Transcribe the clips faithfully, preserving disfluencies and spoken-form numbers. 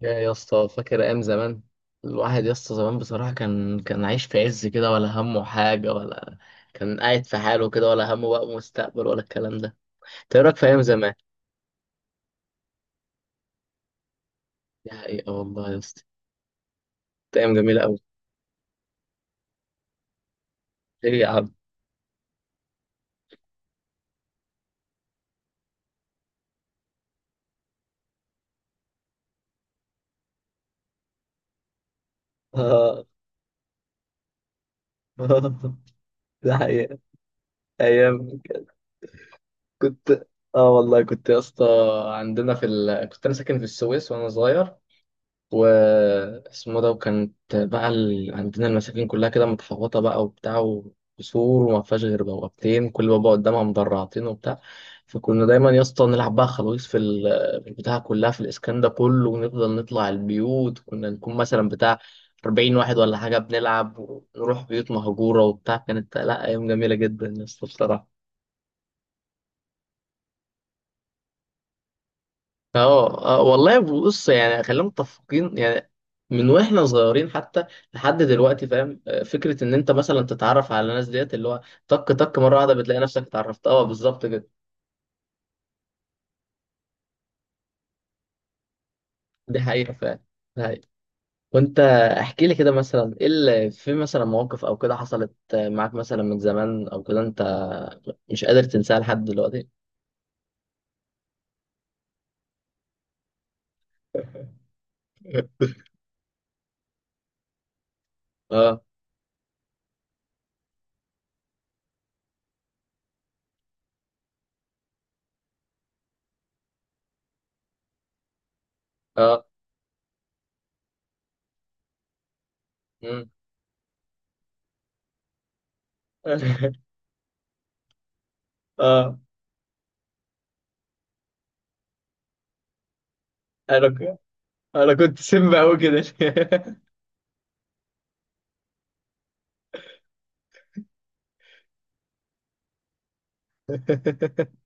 يا يا اسطى فاكر ايام زمان الواحد يا اسطى زمان بصراحه كان كان عايش في عز كده ولا همه حاجه ولا كان قاعد في حاله كده ولا همه بقى مستقبل ولا الكلام ده. انت ايه رايك في ايام زمان؟ دي حقيقه والله يا اسطى. كانت ايام جميله قوي. ايه يا عم. اه. ده حقيقه. ايام. كنت. اه والله كنت يا اسطى. عندنا في ال... كنت انا ساكن في السويس وانا صغير واسمه ده، وكانت بقى ال... عندنا المساكن كلها كده متحوطة بقى وبتاع وسور، وما فيهاش غير بوابتين، كل بابا قدامها مدرعتين وبتاع. فكنا دايما يا اسطى نلعب بقى خلاويص في ال- في البتاع كلها في الاسكان ده كله، ونفضل نطلع البيوت، كنا نكون مثلا بتاع أربعين واحد ولا حاجة، بنلعب ونروح بيوت مهجورة وبتاع. كانت لا أيام جميلة جدا يا اسطى بصراحة. اه آه، والله بص يعني خلينا متفقين يعني من واحنا صغيرين حتى لحد دلوقتي فاهم، آه، فكره ان انت مثلا تتعرف على ناس ديت اللي هو طك طك مره واحده بتلاقي نفسك اتعرفت، اه بالظبط كده. دي حقيقه فعلا. دي حقيقة. وانت احكي لي كده مثلا ايه اللي في مثلا مواقف او كده حصلت آه، معاك مثلا من زمان او كده انت مش قادر تنساها لحد دلوقتي. اه. اه. مم. اه. انا ك- انا كنت سم قوي كده.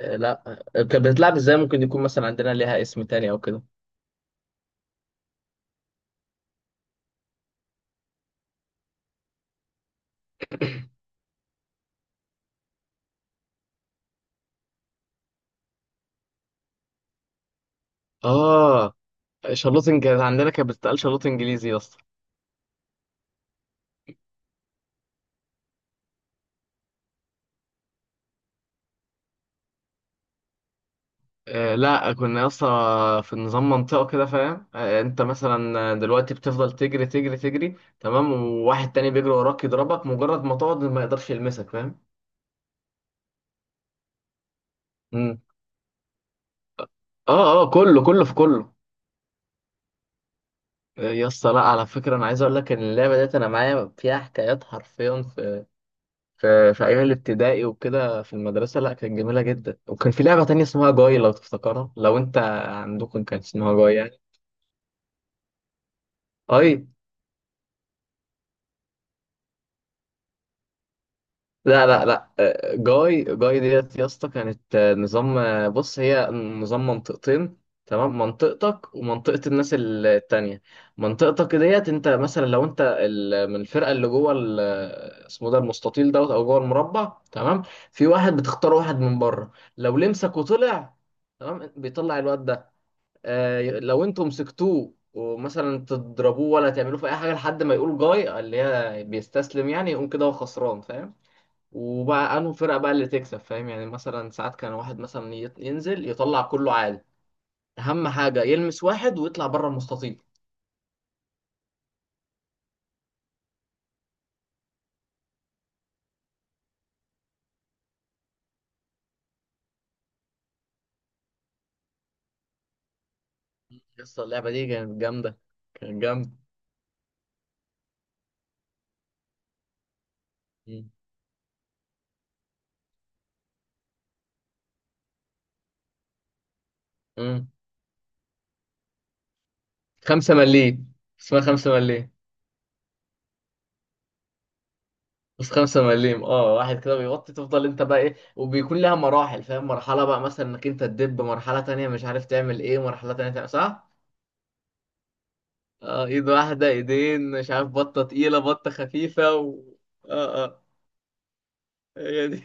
آه، لا. كانت بتتلعب ازاي؟ ممكن يكون مثلا عندنا ليها اسم تاني او كده. اه شلوت، كانت عندنا كانت بتتقال شلوت انجليزي يا اسطى. آه لا، كنا يا اسطى في نظام منطقه كده فاهم، آه، انت مثلا دلوقتي بتفضل تجري تجري تجري تمام، وواحد تاني بيجري وراك يضربك، مجرد ما تقعد ما يقدرش يلمسك، فاهم؟ مم. اه اه، كله كله في كله. آه، يا اسطى لا، على فكره انا عايز اقول لك ان اللعبه ديت انا معايا فيها حكايات حرفيا في في ايام الابتدائي وكده في المدرسه، لا كانت جميله جدا. وكان في لعبه تانية اسمها جاي، لو تفتكرها، لو انت عندكم كان اسمها جاي يعني. اي. لا لا لا، آه، جاي جاي ديت يا اسطى كانت آه، نظام، آه، بص هي نظام منطقتين تمام، منطقتك ومنطقة الناس ال- التانية. منطقتك ديت انت مثلا لو انت ال- من الفرقة اللي جوه ال- اسمه ده المستطيل دوت او جوه المربع تمام. في واحد بتختار واحد من بره، لو لمسك وطلع تمام بيطلع الواد ده. آه، لو انتوا مسكتوه ومثلا تضربوه ولا تعملوه في اي حاجه لحد ما يقول جاي اللي هي بيستسلم يعني، يقوم كده هو خسران، فاهم. وبقى انه فرقه بقى اللي تكسب فاهم. يعني مثلا ساعات كان واحد مثلا يط- ينزل يطلع كله عالي، اهم حاجه يلمس واحد ويطلع بره المستطيل. لسه اللعبه دي كانت جامده. كانت جامده. مم. مم. خمسه مليم، اسمها خمسه مليم. بس خمسة مليم، اه واحد كده بيغطي تفضل انت بقى ايه، وبيكون لها مراحل فاهم، مرحلة بقى مثلا انك انت تدب، مرحلة تانية مش عارف تعمل ايه، مرحلة تانية تعمل صح؟ اه ايد واحدة ايدين مش عارف، بطة تقيلة بطة خفيفة و... اه اه. هي دي.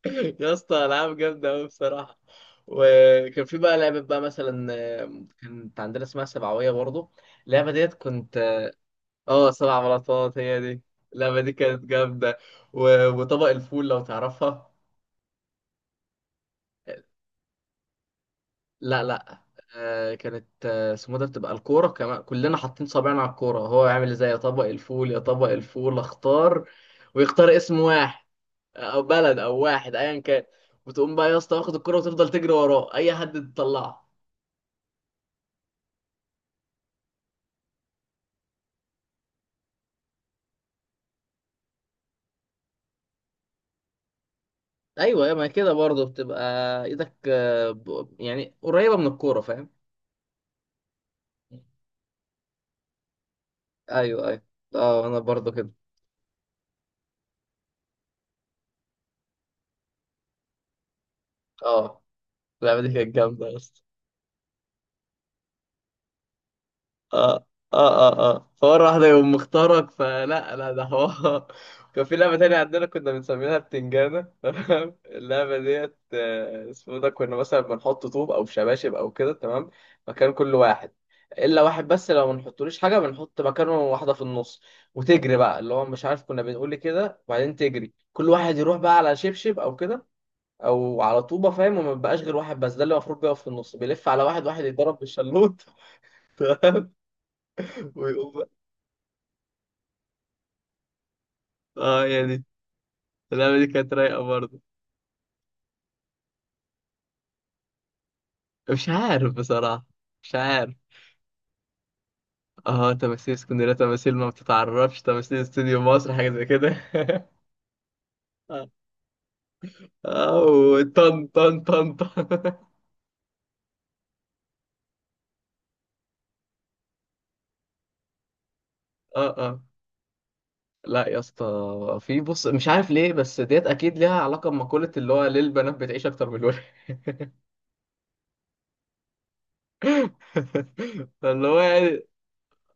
يا اسطى العاب جامدة اوي بصراحة. وكان في بقى لعبة بقى مثلا، آه، كانت عندنا اسمها سبعوية برضو. اللعبة ديت كنت. اه سبع بلاطات هي دي. اللعبة دي كانت جامدة. و... وطبق الفول لو تعرفها. لا لا. آه كانت آه، اسمه ده بتبقى الكورة، كمان كلنا حاطين صابعنا على الكورة، هو يعمل ازاي يطبق الفول، يطبق الفول اختار، ويختار اسم واحد او بلد او واحد ايا كان. وتقوم بقى يا اسطى واخد الكورة وتفضل تجري وراه اي حد تطلعه. ايوه، ما كده برضه بتبقى ايدك، آه، ب- يعني قريبة من الكورة فاهم. ايوه ايوه. اه انا برضه كده. اه. اللعبة دي كانت جامدة يا اسطى. اه اه اه. اه فمرة واحدة يقوم مختارك فلا. لا ده هو كان في لعبة تانية عندنا كنا بنسميها بتنجانة. تمام اللعبة ديت آه، اسمه ده كنا مثلا بنحط طوب أو شباشب أو كده تمام، مكان كل واحد إلا واحد بس، لو ما نحطلوش حاجة بنحط مكانه واحدة في النص. وتجري بقى اللي هو مش عارف كنا بنقول إيه كده، وبعدين تجري كل واحد يروح بقى على شبشب أو كده أو على طوبة فاهم. وما بيبقاش غير واحد بس ده اللي المفروض بيقف في النص، بيلف على واحد واحد يتضرب بالشلوط. تمام ويقوم. اه يعني. اللعبة دي كانت رايقة برضه. مش عارف بصراحة. مش عارف. اه تماثيل اسكندرية، تماثيل ما بتتعرفش، تماثيل استوديو مصر حاجة زي كده. اه. آه، طن طن طن طن. اه اه. لا يا اسطى، في بص مش عارف ليه، بس ديت اكيد ليها علاقة بمقولة اللي هو ليه البنات بتعيش اكتر من الولد. فاللي هو يعني.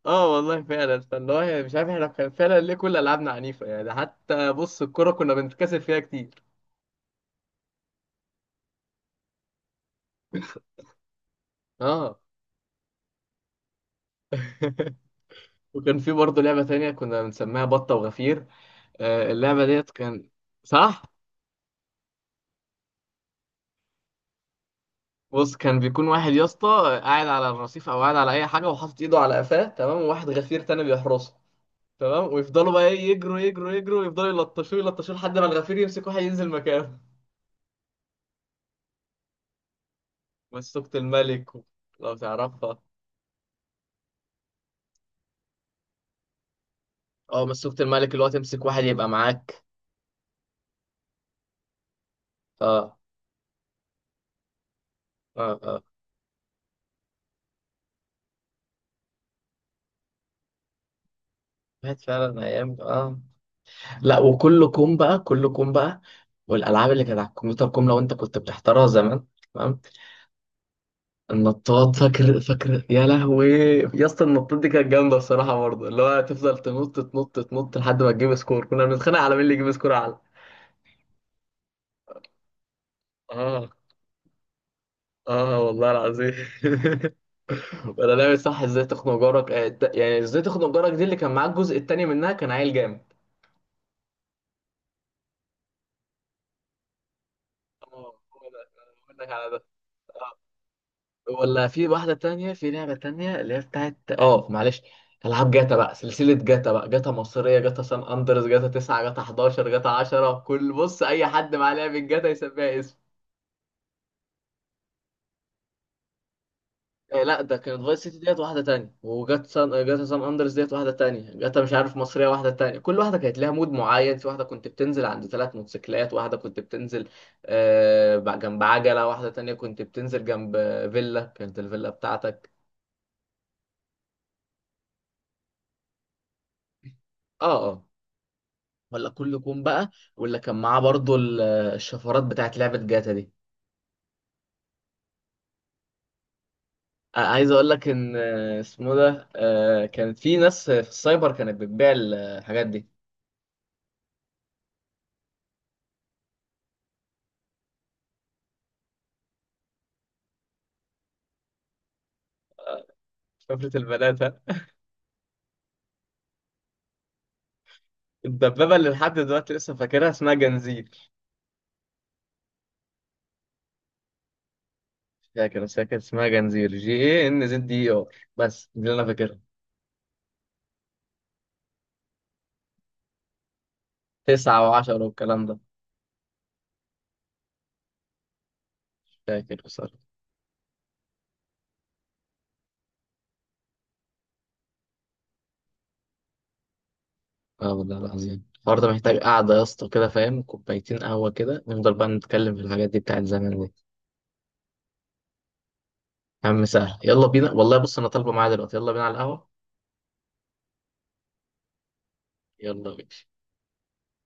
اه والله فعلا، فاللي هو يعني مش عارف احنا كان فعلا ليه كل العابنا عنيفة يعني، حتى بص الكورة كنا بنتكسب فيها كتير. اه. وكان في برضه لعبة تانية كنا بنسميها بطة وغفير. آه، اللعبة ديت كان. صح. بص كان بيكون واحد يا اسطى قاعد على الرصيف او قاعد على اي حاجة وحاطط ايده على قفاه تمام، وواحد غفير تاني بيحرسه تمام، ويفضلوا بقى ايه يجروا يجروا يجروا ويفضلوا يلطشوه يلطشوه لحد ما الغفير يمسك واحد ينزل مكانه. مسكت الملك لو تعرفها. اه مسكت الملك، اللي هو تمسك واحد يبقى معاك. اه. اه اه، كانت فعلا ايام اه. لا، وكل كوم بقى، كل كوم بقى، والالعاب اللي كانت على الكمبيوتر كوم لو انت كنت بتحترها زمان تمام. النطاط فاكر، فاكر يا لهوي. يا اسطى النطاط دي كانت جامده بصراحه برضه، اللي هو تفضل تنط تنط تنط لحد ما تجيب سكور، كنا بنتخانق على مين اللي يجيب سكور اعلى. اه. اه والله العظيم. ولا لعبه صح، ازاي تخنق جارك، آه، الت- يعني ازاي تخنق جارك دي اللي كان معاك، الجزء التاني منها كان عيل جامد. اه. هو ده أنا بقول لك على ده. ولا في واحدة تانية، في لعبة تانية اللي هي بتاعت اه معلش، ألعاب جاتا بقى، سلسلة جاتا بقى، جاتا مصرية، جاتا سان أندرس، جاتا تسعة، جاتا حداشر، جاتا عشرة، كل بص أي حد معاه لعبة جاتا يسميها اسم. آه لا ده كانت فايس سيتي، ديت واحدة تانية، وجاتا سان جاتا سان أندرس ديت واحدة تانية، جاتا مش عارف مصرية واحدة تانية، كل واحدة كانت لها مود معين، في واحدة كنت بتنزل عند ثلاث موتوسيكلات، واحدة كنت بتنزل آه جنب عجلة، واحدة تانية كنت بتنزل جنب فيلا، كانت الفيلا بتاعتك. اه اه. ولا كله كوم بقى. واللي كان معاه برضو ال- الشفرات بتاعت لعبة جاتا دي. آه، عايز اقول لك ان آه، اسمه ده آه، كانت في ناس في السايبر كانت بتبيع ال- الحاجات دي. شفرة البنات ها؟ الدبابة اللي لحد دلوقتي لسه فاكرها اسمها جنزير. مش فاكر بس هي كانت اسمها جنزير، جي اي ان زد دي ار، بس دي اللي انا فاكرها. تسعة وعشرة والكلام ده. مش فاكر بصراحة. اه والله العظيم الحوار ده محتاج قعدة يا اسطى كده فاهم، كوبايتين قهوة كده نفضل بقى نتكلم في الحاجات دي بتاعت زمان دي. يا عم سهل، يلا بينا والله، بص انا طالبه معايا دلوقتي، يلا بينا على القهوه. يلا بينا.